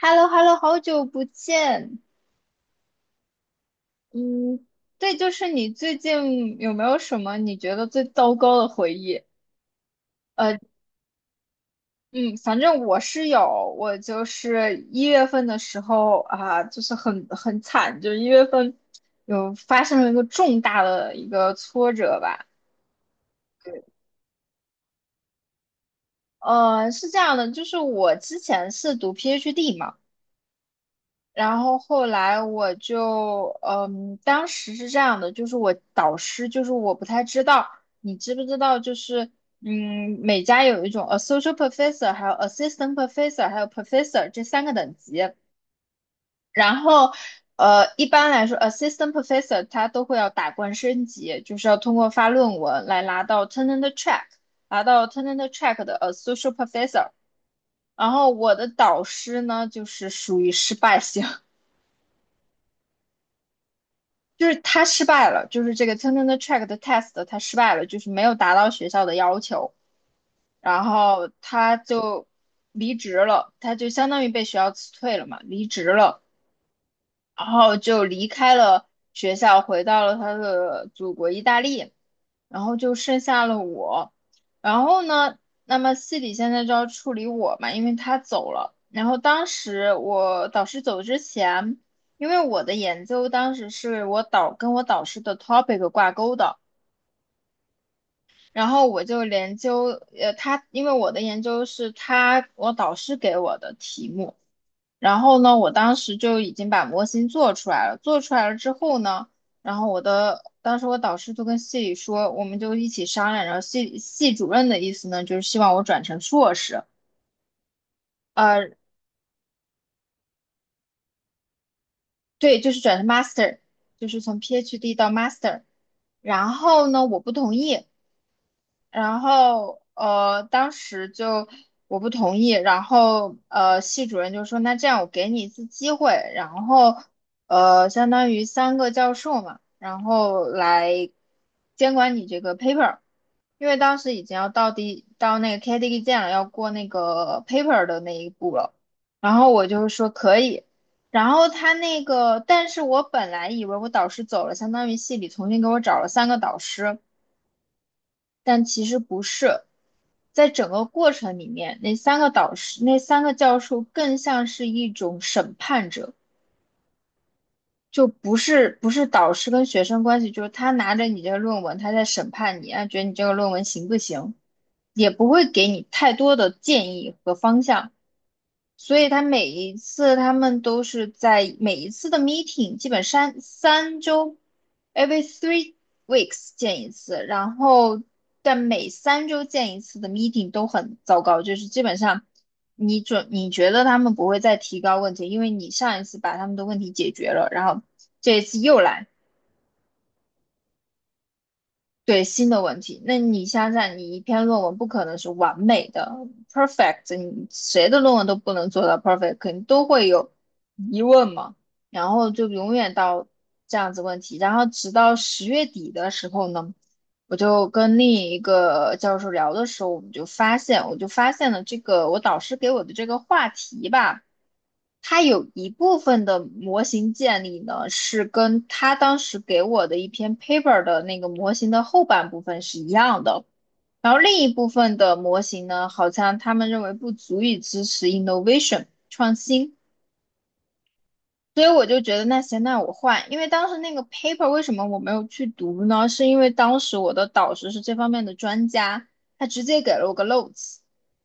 h e l l o h e l l o 好久不见。嗯，对，就是你最近有没有什么你觉得最糟糕的回忆？嗯，反正我是有，我就是一月份的时候啊，就是很惨，就是一月份有发生了一个重大的一个挫折吧。是这样的，就是我之前是读 PhD 嘛。然后后来我就，当时是这样的，就是我导师，就是我不太知道，你知不知道，就是，每家有一种 associate professor，还有 assistant professor，还有 professor 这三个等级。然后，一般来说，assistant professor 他都会要打怪升级，就是要通过发论文来拿到 tenure track，拿到 tenure track 的 associate professor。然后我的导师呢，就是属于失败型。就是他失败了，就是这个 Turner Track 的 test 他失败了，就是没有达到学校的要求，然后他就离职了，他就相当于被学校辞退了嘛，离职了，然后就离开了学校，回到了他的祖国意大利。然后就剩下了我。然后呢，那么系里现在就要处理我嘛，因为他走了。然后当时我导师走之前，因为我的研究当时是我导跟我导师的 topic 挂钩的，然后我就研究，他因为我的研究是他我导师给我的题目，然后呢，我当时就已经把模型做出来了。做出来了之后呢，然后我的当时我导师就跟系里说，我们就一起商量。然后系系主任的意思呢，就是希望我转成硕士，呃，对，就是转成 master，就是从 PhD 到 master。然后呢，我不同意，然后当时就我不同意，然后系主任就说那这样我给你一次机会，然后相当于三个教授嘛，然后来监管你这个 paper，因为当时已经要到到那个 KDE 建了，要过那个 paper 的那一步了，然后我就说可以。然后他那个，但是我本来以为我导师走了，相当于系里重新给我找了三个导师，但其实不是。在整个过程里面，那三个导师、那三个教授更像是一种审判者，就不是导师跟学生关系，就是他拿着你这个论文，他在审判你，啊，觉得你这个论文行不行，也不会给你太多的建议和方向，所以他每一次他们都是在每一次的 meeting，基本三周，every three weeks 见一次，然后但每三周见一次的 meeting 都很糟糕，就是基本上你觉得他们不会再提高问题，因为你上一次把他们的问题解决了，然后这一次又来。对，新的问题，那你想想，你一篇论文不可能是完美的，perfect，你谁的论文都不能做到 perfect，肯定都会有疑问嘛。然后就永远到这样子问题，然后直到十月底的时候呢，我就跟另一个教授聊的时候，我们就发现，我就发现了这个我导师给我的这个话题吧。它有一部分的模型建立呢，是跟它当时给我的一篇 paper 的那个模型的后半部分是一样的，然后另一部分的模型呢，好像他们认为不足以支持 innovation 创新，所以我就觉得那行，那我换，因为当时那个 paper 为什么我没有去读呢？是因为当时我的导师是这方面的专家，他直接给了我个 notes，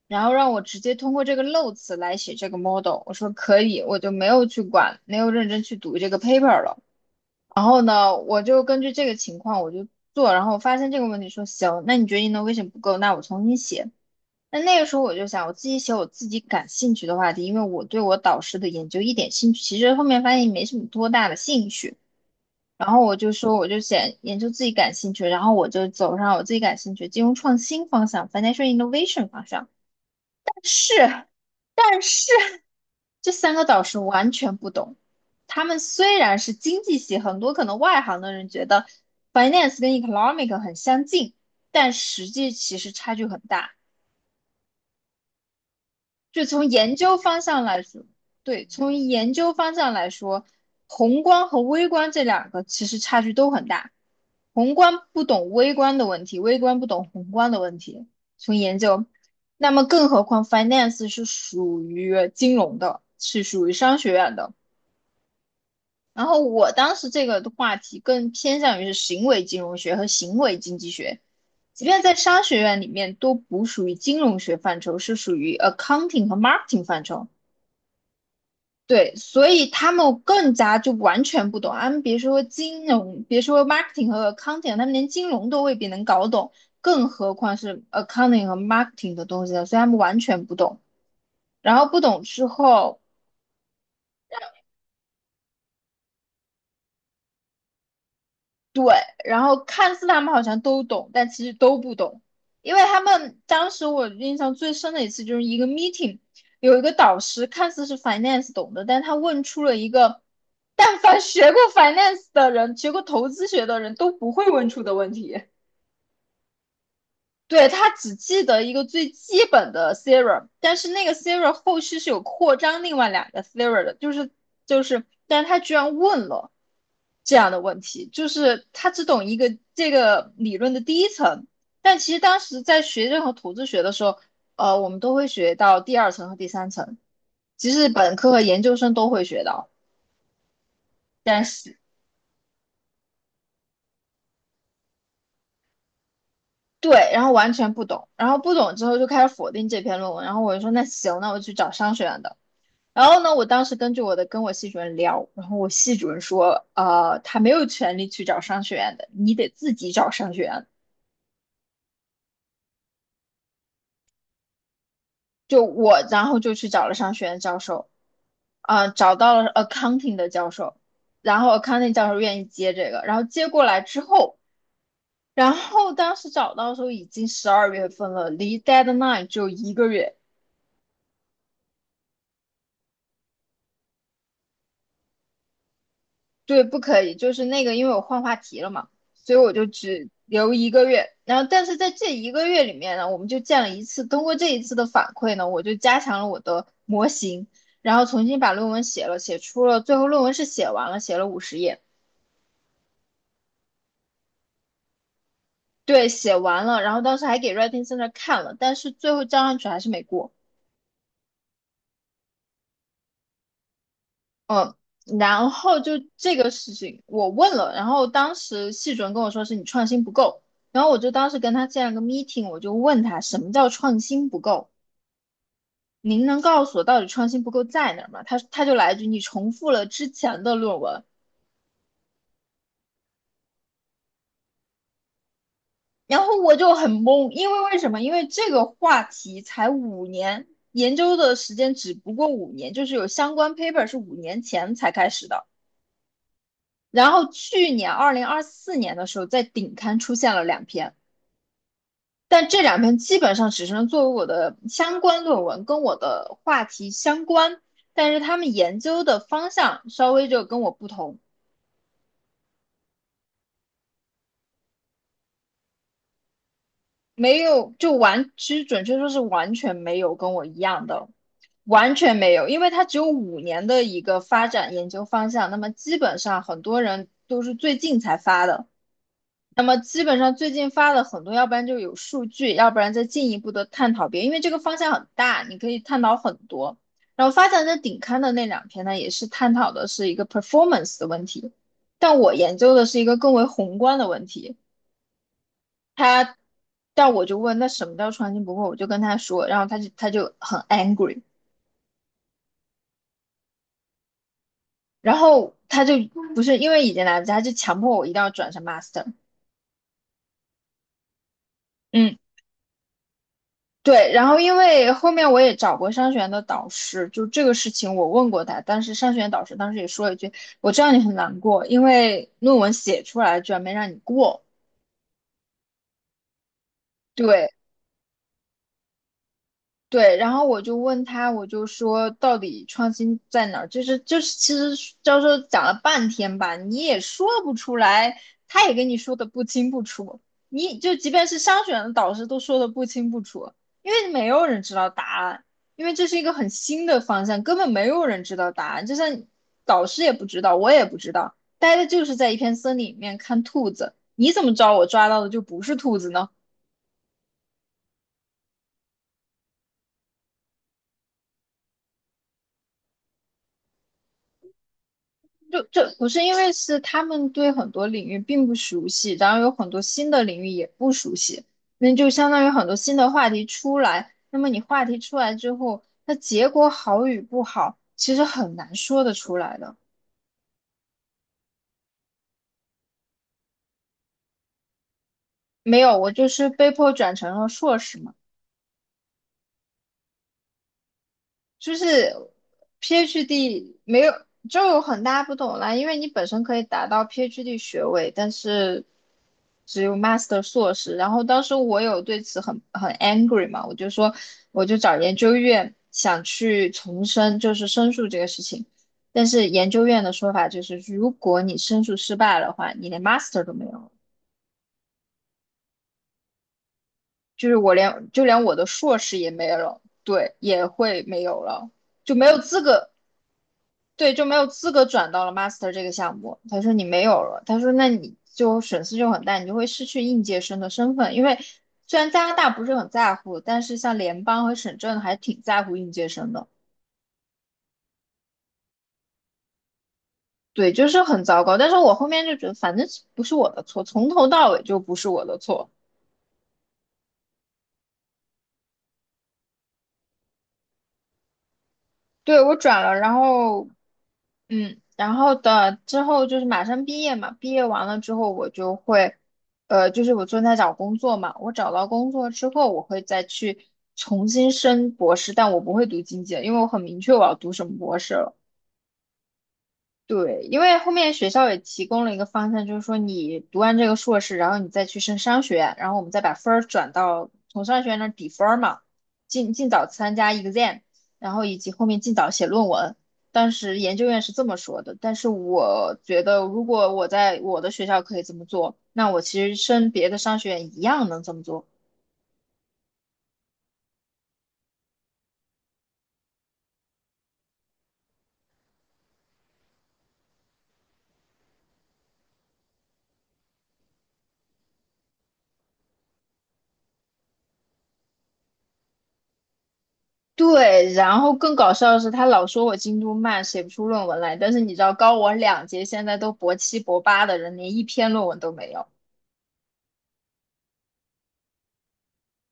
然后让我直接通过这个 notes 来写这个 model。我说可以，我就没有去管，没有认真去读这个 paper 了。然后呢，我就根据这个情况我就做，然后我发现这个问题说行，那你觉得你的什么不够？那我重新写。那那个时候我就想，我自己写我自己感兴趣的话题，因为我对我导师的研究一点兴趣，其实后面发现没什么多大的兴趣。然后我就说，我就写研究自己感兴趣，然后我就走上我自己感兴趣金融创新方向，financial innovation 方向。但是，但是这三个导师完全不懂。他们虽然是经济系，很多可能外行的人觉得 finance 跟 economic 很相近，但实际其实差距很大。就从研究方向来说，对，从研究方向来说，宏观和微观这两个其实差距都很大。宏观不懂微观的问题，微观不懂宏观的问题。从研究，那么更何况 finance 是属于金融的，是属于商学院的。然后我当时这个的话题更偏向于是行为金融学和行为经济学，即便在商学院里面都不属于金融学范畴，是属于 accounting 和 marketing 范畴。对，所以他们更加就完全不懂，他们别说金融，别说 marketing 和 accounting，他们连金融都未必能搞懂，更何况是 accounting 和 marketing 的东西了，所以他们完全不懂。然后不懂之后，然后看似他们好像都懂，但其实都不懂，因为他们当时我印象最深的一次就是一个 meeting，有一个导师看似是 finance 懂的，但他问出了一个但凡学过 finance 的人、学过投资学的人都不会问出的问题。对，他只记得一个最基本的 theorem，但是那个 theorem 后续是有扩张另外两个 theorem 的，但是他居然问了这样的问题，就是他只懂一个这个理论的第一层，但其实当时在学任何统计学的时候，我们都会学到第二层和第三层，其实本科和研究生都会学到，但是。对，然后完全不懂，然后不懂之后就开始否定这篇论文，然后我就说那行，那我去找商学院的，然后呢，我当时根据我的跟我系主任聊，然后我系主任说，他没有权利去找商学院的，你得自己找商学院。就我，然后就去找了商学院教授，啊、找到了 accounting 的教授，然后 accounting 教授愿意接这个，然后接过来之后，然后当时找到的时候已经12月份了，离 deadline 只有一个月，对，不可以，就是那个，因为我换话题了嘛，所以我就只留一个月。然后，但是在这一个月里面呢，我们就见了一次。通过这一次的反馈呢，我就加强了我的模型，然后重新把论文写了，写出了，最后论文是写完了，写了50页，对，写完了。然后当时还给 Writing 在那看了，但是最后交上去还是没过。嗯，然后就这个事情我问了，然后当时系主任跟我说是你创新不够，然后我就当时跟他建了个 meeting，我就问他什么叫创新不够，您能告诉我到底创新不够在哪儿吗？他就来一句你重复了之前的论文，然后我就很懵，因为为什么？因为这个话题才五年，研究的时间只不过五年，就是有相关 paper 是五年前才开始的，然后去年2024年的时候在顶刊出现了两篇。但这两篇基本上只是作为我的相关论文，跟我的话题相关，但是他们研究的方向稍微就跟我不同，没有就完，其实准确说是完全没有跟我一样的，完全没有，因为它只有五年的一个发展研究方向，那么基本上很多人都是最近才发的，那么基本上最近发了很多，要不然就有数据，要不然再进一步的探讨别，因为这个方向很大，你可以探讨很多。然后发展的顶刊的那两篇呢，也是探讨的是一个 performance 的问题，但我研究的是一个更为宏观的问题。他，但我就问那什么叫创新不破，我就跟他说，然后他就很 angry，然后他就不是因为已经来不及，他就强迫我一定要转成 master。嗯，对，然后因为后面我也找过商学院的导师，就这个事情我问过他，但是商学院导师当时也说了一句：“我知道你很难过，因为论文写出来居然没让你过。”对。对，然后我就问他，我就说到底创新在哪儿？就是，其实教授讲了半天吧，你也说不出来，他也跟你说的不清不楚，你就即便是商学院的导师都说的不清不楚，因为没有人知道答案，因为这是一个很新的方向，根本没有人知道答案，就像导师也不知道，我也不知道，待的就是在一片森林里面看兔子，你怎么知道我抓到的就不是兔子呢？就不是因为是他们对很多领域并不熟悉，然后有很多新的领域也不熟悉，那就相当于很多新的话题出来。那么你话题出来之后，那结果好与不好，其实很难说得出来的。没有，我就是被迫转成了硕士嘛。就是 PhD 没有就有很大不同啦，因为你本身可以达到 PhD 学位，但是只有 Master 硕士。然后当时我有对此很 angry 嘛，我就说我就找研究院想去重申，就是申诉这个事情。但是研究院的说法就是，如果你申诉失败的话，你连 Master 都没有了。就是我就连我的硕士也没有了，对，也会没有了，就没有资格。对，就没有资格转到了 master 这个项目。他说你没有了，他说那你就损失就很大，你就会失去应届生的身份。因为虽然加拿大不是很在乎，但是像联邦和省政还挺在乎应届生的。对，就是很糟糕。但是我后面就觉得，反正不是我的错，从头到尾就不是我的错。对，我转了，然后嗯，然后的之后就是马上毕业嘛，毕业完了之后我就会，就是我正在找工作嘛，我找到工作之后，我会再去重新升博士，但我不会读经济了，因为我很明确我要读什么博士了。对，因为后面学校也提供了一个方向，就是说你读完这个硕士，然后你再去升商学院，然后我们再把分儿转到从商学院那儿抵分儿嘛，尽早参加 exam，然后以及后面尽早写论文。当时研究院是这么说的，但是我觉得如果我在我的学校可以这么做，那我其实升别的商学院一样能这么做。对，然后更搞笑的是，他老说我进度慢，写不出论文来。但是你知道，高我2届，现在都博7博8的人，连一篇论文都没有。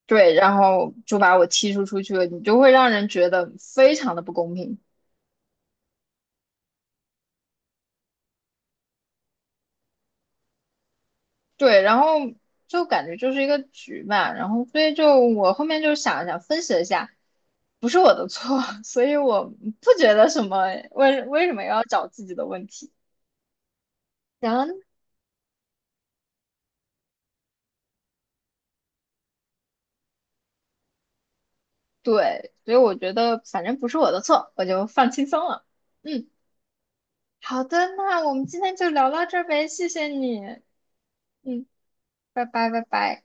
对，然后就把我踢出去了，你就会让人觉得非常的不公平。对，然后就感觉就是一个局嘛，然后所以就我后面就想了想，分析了一下，不是我的错，所以我不觉得什么，为什么要找自己的问题。然后。对，所以我觉得反正不是我的错，我就放轻松了。嗯，好的，那我们今天就聊到这儿呗，谢谢你。嗯，拜拜，拜拜。